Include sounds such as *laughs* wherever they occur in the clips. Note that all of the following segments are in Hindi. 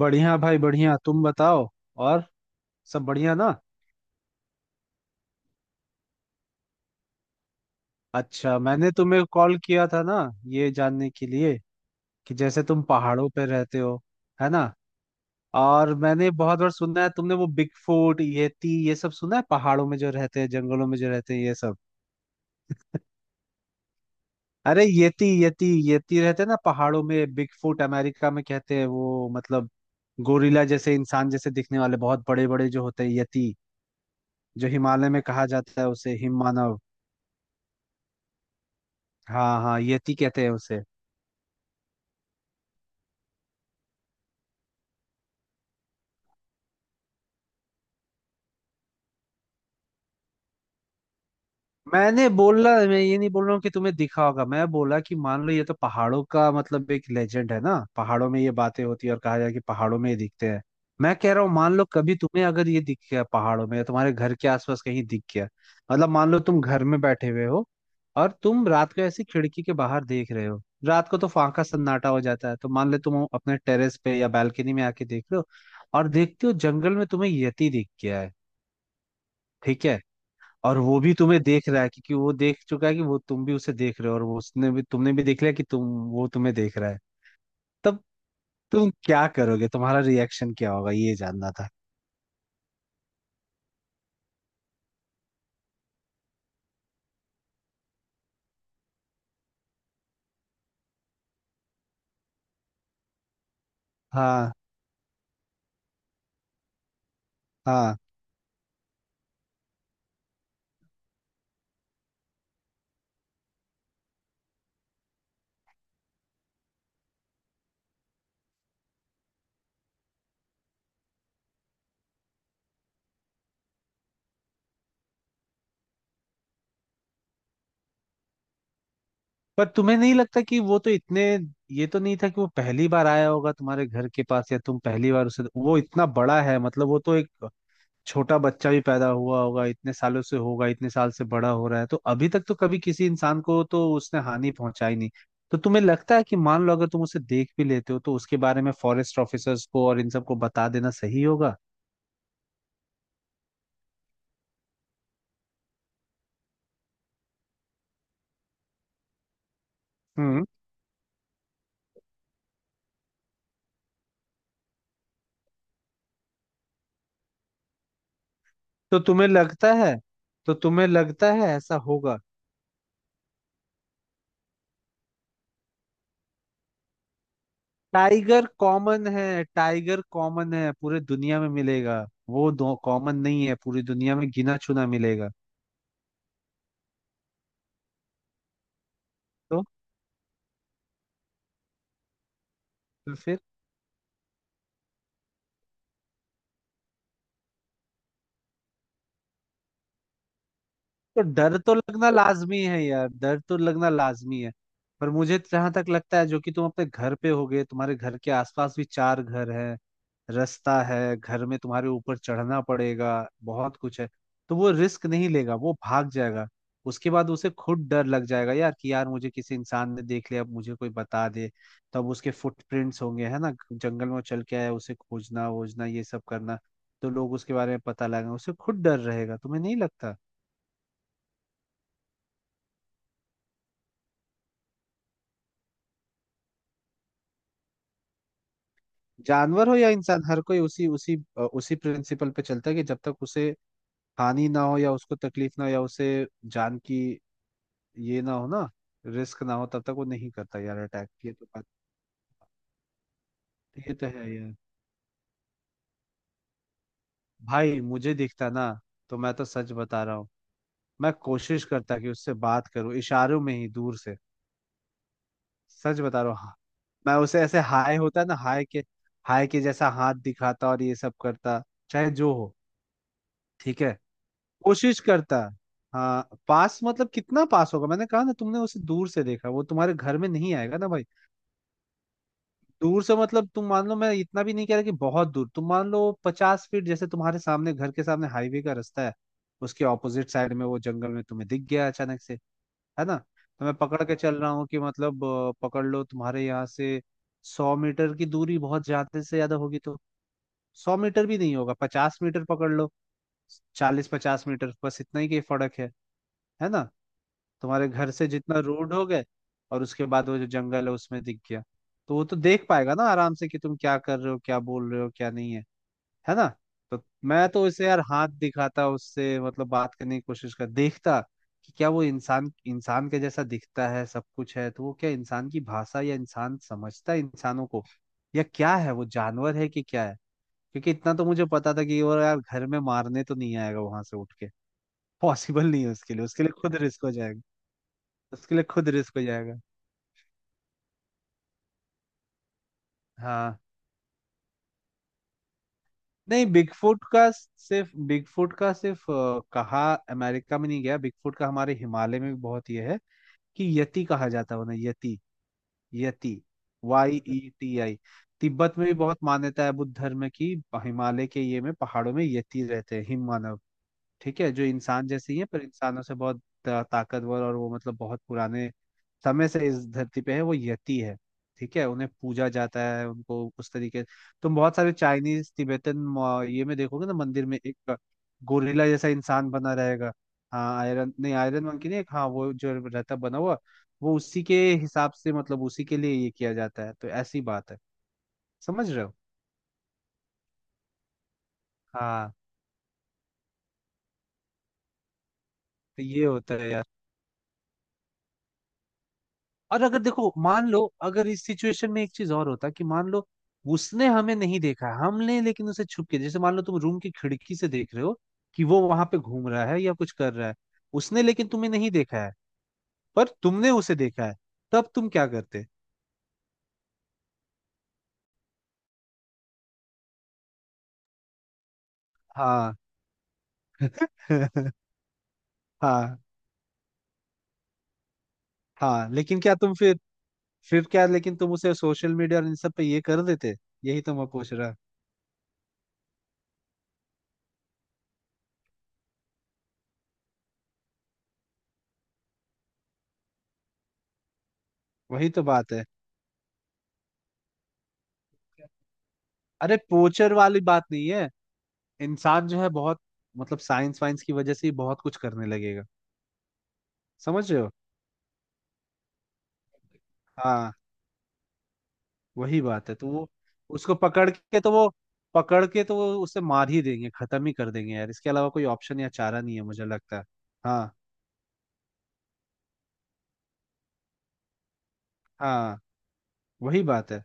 बढ़िया भाई, बढ़िया। तुम बताओ। और सब बढ़िया ना? अच्छा, मैंने तुम्हें कॉल किया था ना, ये जानने के लिए कि जैसे तुम पहाड़ों पे रहते हो, है ना? और मैंने बहुत बार सुना है, तुमने वो बिग फूट, येती, ये सब सुना है? पहाड़ों में जो रहते हैं, जंगलों में जो रहते हैं, ये सब। अरे येती येती येती रहते हैं ना पहाड़ों में, बिग फूट अमेरिका में कहते हैं वो, मतलब गोरिल्ला जैसे, इंसान जैसे दिखने वाले बहुत बड़े बड़े जो होते हैं, यति। जो हिमालय में कहा जाता है उसे हिम मानव। हाँ हाँ, यति कहते हैं उसे। मैंने बोला, मैं ये नहीं बोल रहा हूँ कि तुम्हें दिखा होगा। मैं बोला कि मान लो, ये तो पहाड़ों का मतलब एक लेजेंड है ना, पहाड़ों में ये बातें होती है और कहा जाए कि पहाड़ों में ये दिखते हैं। मैं कह रहा हूँ, मान लो कभी तुम्हें अगर ये दिख गया पहाड़ों में, या तुम्हारे घर के आसपास कहीं दिख गया। मतलब मान लो तुम घर में बैठे हुए हो, और तुम रात को ऐसी खिड़की के बाहर देख रहे हो, रात को तो फांका सन्नाटा हो जाता है, तो मान लो तुम अपने टेरेस पे या बालकनी में आके देख रहे हो, और देखते हो जंगल में तुम्हें यति दिख गया है। ठीक है? और वो भी तुम्हें देख रहा है, क्योंकि वो देख चुका है कि वो तुम भी उसे देख रहे हो, और वो उसने भी तुमने भी देख लिया कि तुम, वो तुम्हें देख रहा है। तब तुम क्या करोगे, तुम्हारा रिएक्शन क्या होगा, ये जानना था। हाँ। हाँ। पर तुम्हें नहीं लगता कि वो तो इतने, ये तो नहीं था कि वो पहली बार आया होगा तुम्हारे घर के पास, या तुम पहली बार उसे, वो इतना बड़ा है मतलब, वो तो एक छोटा बच्चा भी पैदा हुआ होगा, इतने सालों से होगा, इतने साल से बड़ा हो रहा है, तो अभी तक तो कभी किसी इंसान को तो उसने हानि पहुंचाई नहीं। तो तुम्हें लगता है कि मान लो अगर तुम उसे देख भी लेते हो, तो उसके बारे में फॉरेस्ट ऑफिसर्स को और इन सबको बता देना सही होगा? हम्म। तो तुम्हें लगता है, तो तुम्हें लगता है ऐसा होगा? टाइगर कॉमन है, टाइगर कॉमन है, पूरे दुनिया में मिलेगा। वो दो कॉमन नहीं है, पूरी दुनिया में गिना चुना मिलेगा। तो, तो फिर, तो डर तो लगना लाजमी है यार, डर तो लगना लाजमी है। पर मुझे जहां तक लगता है, जो कि तुम अपने घर पे होगे, तुम्हारे घर के आसपास भी चार घर हैं, रास्ता है, घर में तुम्हारे ऊपर चढ़ना पड़ेगा, बहुत कुछ है, तो वो रिस्क नहीं लेगा, वो भाग जाएगा। उसके बाद उसे खुद डर लग जाएगा यार कि यार मुझे किसी इंसान ने देख लिया, अब मुझे कोई बता दे। तब उसके फुटप्रिंट्स होंगे है ना जंगल में, वो चल के आया, उसे खोजना वोजना ये सब करना, तो लोग उसके बारे में पता लगाएंगे, उसे खुद डर रहेगा। तुम्हें नहीं लगता? जानवर हो या इंसान, हर कोई उसी उसी अ, उसी प्रिंसिपल पे चलता है कि जब तक उसे हानि ना हो, या उसको तकलीफ ना हो, या उसे जान की ये ना हो ना, रिस्क ना हो, तब तक वो नहीं करता यार अटैक। ये तो बात, ये तो है यार। भाई मुझे दिखता ना, तो मैं तो सच बता रहा हूँ, मैं कोशिश करता कि उससे बात करूँ इशारों में ही दूर से। सच बता रहा हूँ, हाँ, मैं उसे ऐसे हाय होता है ना, हाय के जैसा हाथ दिखाता और ये सब करता, चाहे जो हो। ठीक है, कोशिश करता। हाँ पास मतलब कितना पास होगा, मैंने कहा ना तुमने उसे दूर से देखा, वो तुम्हारे घर में नहीं आएगा ना भाई। दूर से मतलब तुम मान लो, मैं इतना भी नहीं कह रहा कि बहुत दूर, तुम मान लो 50 फीट जैसे, तुम्हारे सामने घर के सामने हाईवे का रास्ता है, उसके ऑपोजिट साइड में वो जंगल में तुम्हें दिख गया अचानक से, है ना? तो मैं पकड़ के चल रहा हूँ कि मतलब पकड़ लो तुम्हारे यहाँ से 100 मीटर की दूरी बहुत ज्यादा से ज्यादा होगी, तो 100 मीटर भी नहीं होगा, 50 मीटर पकड़ लो, 40-50 मीटर बस इतना ही की फर्क है ना? तुम्हारे घर से जितना रोड हो गए, और उसके बाद वो जो जंगल है उसमें दिख गया, तो वो तो देख पाएगा ना आराम से कि तुम क्या कर रहे हो, क्या बोल रहे हो, क्या नहीं है, है ना? तो मैं तो उसे यार हाथ दिखाता, उससे मतलब बात करने की कोशिश कर देखता, कि क्या वो इंसान, इंसान के जैसा दिखता है सब कुछ है तो वो, क्या इंसान की भाषा या इंसान समझता है, इंसानों को, या क्या है, वो जानवर है कि क्या है। क्योंकि इतना तो मुझे पता था कि वो यार घर में मारने तो नहीं आएगा वहां से उठ के, पॉसिबल नहीं है उसके लिए खुद रिस्क हो जाएगा, उसके लिए खुद रिस्क हो जाएगा। हाँ नहीं, बिगफुट का सिर्फ कहा अमेरिका में नहीं गया, बिगफुट का हमारे हिमालय में भी बहुत ये है, कि यति कहा जाता है उन्हें, yeti, yeti, Y E T I. Tibet में भी बहुत मान्यता है बुद्ध धर्म में, कि हिमालय के ये में पहाड़ों में यति रहते हैं, हिम मानव। ठीक है, जो इंसान जैसे ही है पर इंसानों से बहुत ताकतवर, और वो मतलब बहुत पुराने समय से इस धरती पे है, वो यति है। ठीक है, उन्हें पूजा जाता है, उनको उस तरीके, तुम बहुत सारे चाइनीज तिब्बतन ये में देखोगे ना मंदिर में एक गोरिल्ला जैसा इंसान बना रहेगा। हाँ आयरन नहीं, आयरन मन की नहीं, एक, हाँ वो जो रहता है बना हुआ, वो उसी के हिसाब से, मतलब उसी के लिए ये किया जाता है, तो ऐसी बात है। समझ रहे हो? हाँ, तो ये होता है यार। और अगर देखो, मान लो अगर इस सिचुएशन में एक चीज और होता, कि मान लो उसने हमें नहीं देखा हमने, लेकिन उसे छुप के जैसे मान लो, तुम रूम की खिड़की से देख रहे हो कि वो वहां पे घूम रहा है या कुछ कर रहा है, उसने लेकिन तुम्हें नहीं देखा है, पर तुमने उसे देखा है, तब तुम क्या करते? हाँ *laughs* हाँ हाँ, लेकिन क्या तुम फिर क्या, लेकिन तुम उसे सोशल मीडिया और इन सब पे ये कर देते? यही तो मैं पूछ रहा। वही तो बात है, अरे पोचर वाली बात नहीं है, इंसान जो है बहुत, मतलब साइंस वाइंस की वजह से ही बहुत कुछ करने लगेगा। समझ रहे हो? हाँ। वही बात है, तो वो, उसको पकड़ के तो वो उसे मार ही देंगे, खत्म ही कर देंगे यार, इसके अलावा कोई ऑप्शन या चारा नहीं है, मुझे लगता है। हाँ। हाँ वही बात है।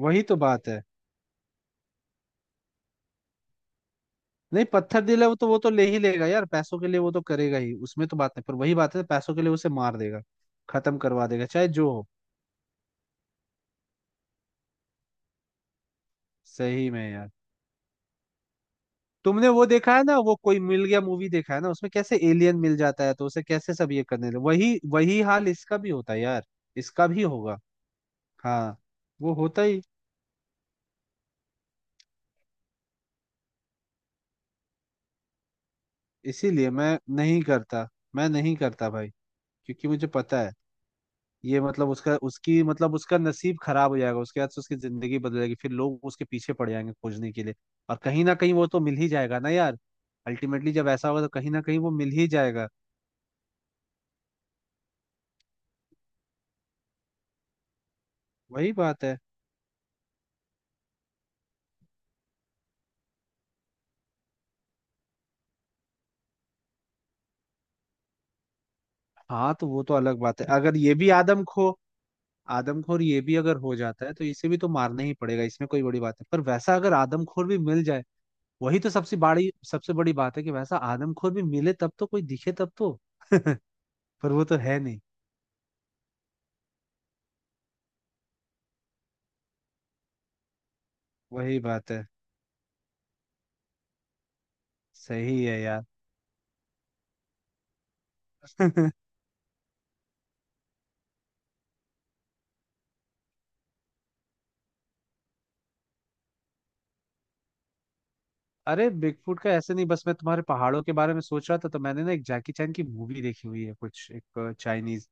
वही तो बात है, नहीं पत्थर दिला वो तो, वो तो ले ही लेगा यार पैसों के लिए, वो तो करेगा ही, उसमें तो बात नहीं, पर वही बात है, पैसों के लिए उसे मार देगा, खत्म करवा देगा चाहे जो हो। सही में यार, तुमने वो देखा है ना, वो कोई मिल गया मूवी देखा है ना, उसमें कैसे एलियन मिल जाता है तो उसे कैसे सब ये करने लगे, वही वही हाल इसका भी होता है यार। इसका भी होगा, हाँ वो होता ही, इसीलिए मैं नहीं करता, मैं नहीं करता भाई, क्योंकि मुझे पता है, ये मतलब उसका, उसकी मतलब उसका नसीब खराब हो जाएगा, उसके बाद से उसकी जिंदगी बदल जाएगी, फिर लोग उसके पीछे पड़ जाएंगे खोजने के लिए, और कहीं ना कहीं वो तो मिल ही जाएगा ना यार। अल्टीमेटली जब ऐसा होगा, तो कहीं ना कहीं वो मिल ही जाएगा। वही बात है। हाँ तो वो तो अलग बात है, अगर ये भी आदमखोर ये भी अगर हो जाता है, तो इसे भी तो मारना ही पड़ेगा, इसमें कोई बड़ी बात नहीं, पर वैसा अगर आदमखोर भी मिल जाए। वही तो सबसे बड़ी बात है, कि वैसा आदमखोर भी मिले, तब तो कोई दिखे तब तो *laughs* पर वो तो है नहीं, वही बात है, सही है यार। *laughs* अरे बिगफुट का ऐसे नहीं, बस मैं तुम्हारे पहाड़ों के बारे में सोच रहा था, तो मैंने ना एक जैकी चैन की मूवी देखी हुई है कुछ, एक चाइनीज,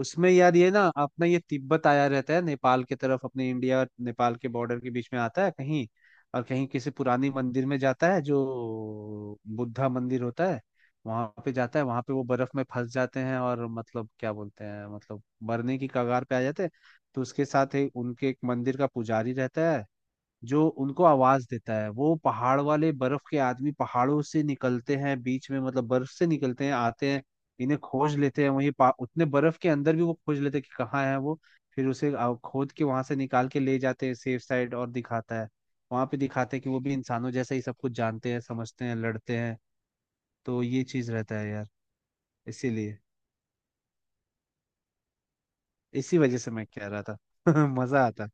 उसमें यार ये ना अपना ये तिब्बत आया रहता है नेपाल की तरफ, अपने इंडिया और नेपाल के बॉर्डर के बीच में आता है कहीं, और कहीं किसी पुरानी मंदिर में जाता है जो बुद्धा मंदिर होता है, वहां पे जाता है, वहां पे वो बर्फ में फंस जाते हैं, और मतलब क्या बोलते हैं मतलब मरने की कगार पे आ जाते हैं। तो उसके साथ ही उनके एक मंदिर का पुजारी रहता है, जो उनको आवाज देता है, वो पहाड़ वाले बर्फ के आदमी पहाड़ों से निकलते हैं बीच में, मतलब बर्फ से निकलते हैं, आते हैं, इन्हें खोज लेते हैं, वहीं उतने बर्फ के अंदर भी वो खोज लेते हैं कि कहाँ है वो, फिर उसे खोद के वहां से निकाल के ले जाते हैं सेफ साइड, और दिखाता है, वहां पे दिखाते हैं कि वो भी इंसानों जैसा ही सब कुछ जानते हैं, समझते हैं, लड़ते हैं। तो ये चीज रहता है यार, इसीलिए, इसी वजह से मैं कह रहा था। *laughs* मजा आता है,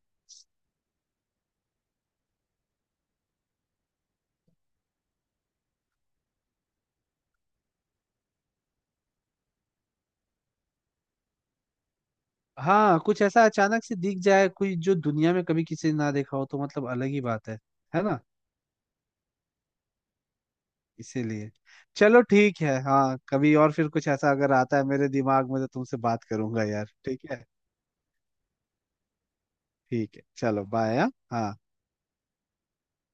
हाँ कुछ ऐसा अचानक से दिख जाए कोई, जो दुनिया में कभी किसी ने ना देखा हो, तो मतलब अलग ही बात है ना? इसीलिए, चलो ठीक है, हाँ कभी और फिर कुछ ऐसा अगर आता है मेरे दिमाग में तो तुमसे बात करूंगा यार, ठीक है। ठीक है चलो, बाय। हाँ हाँ।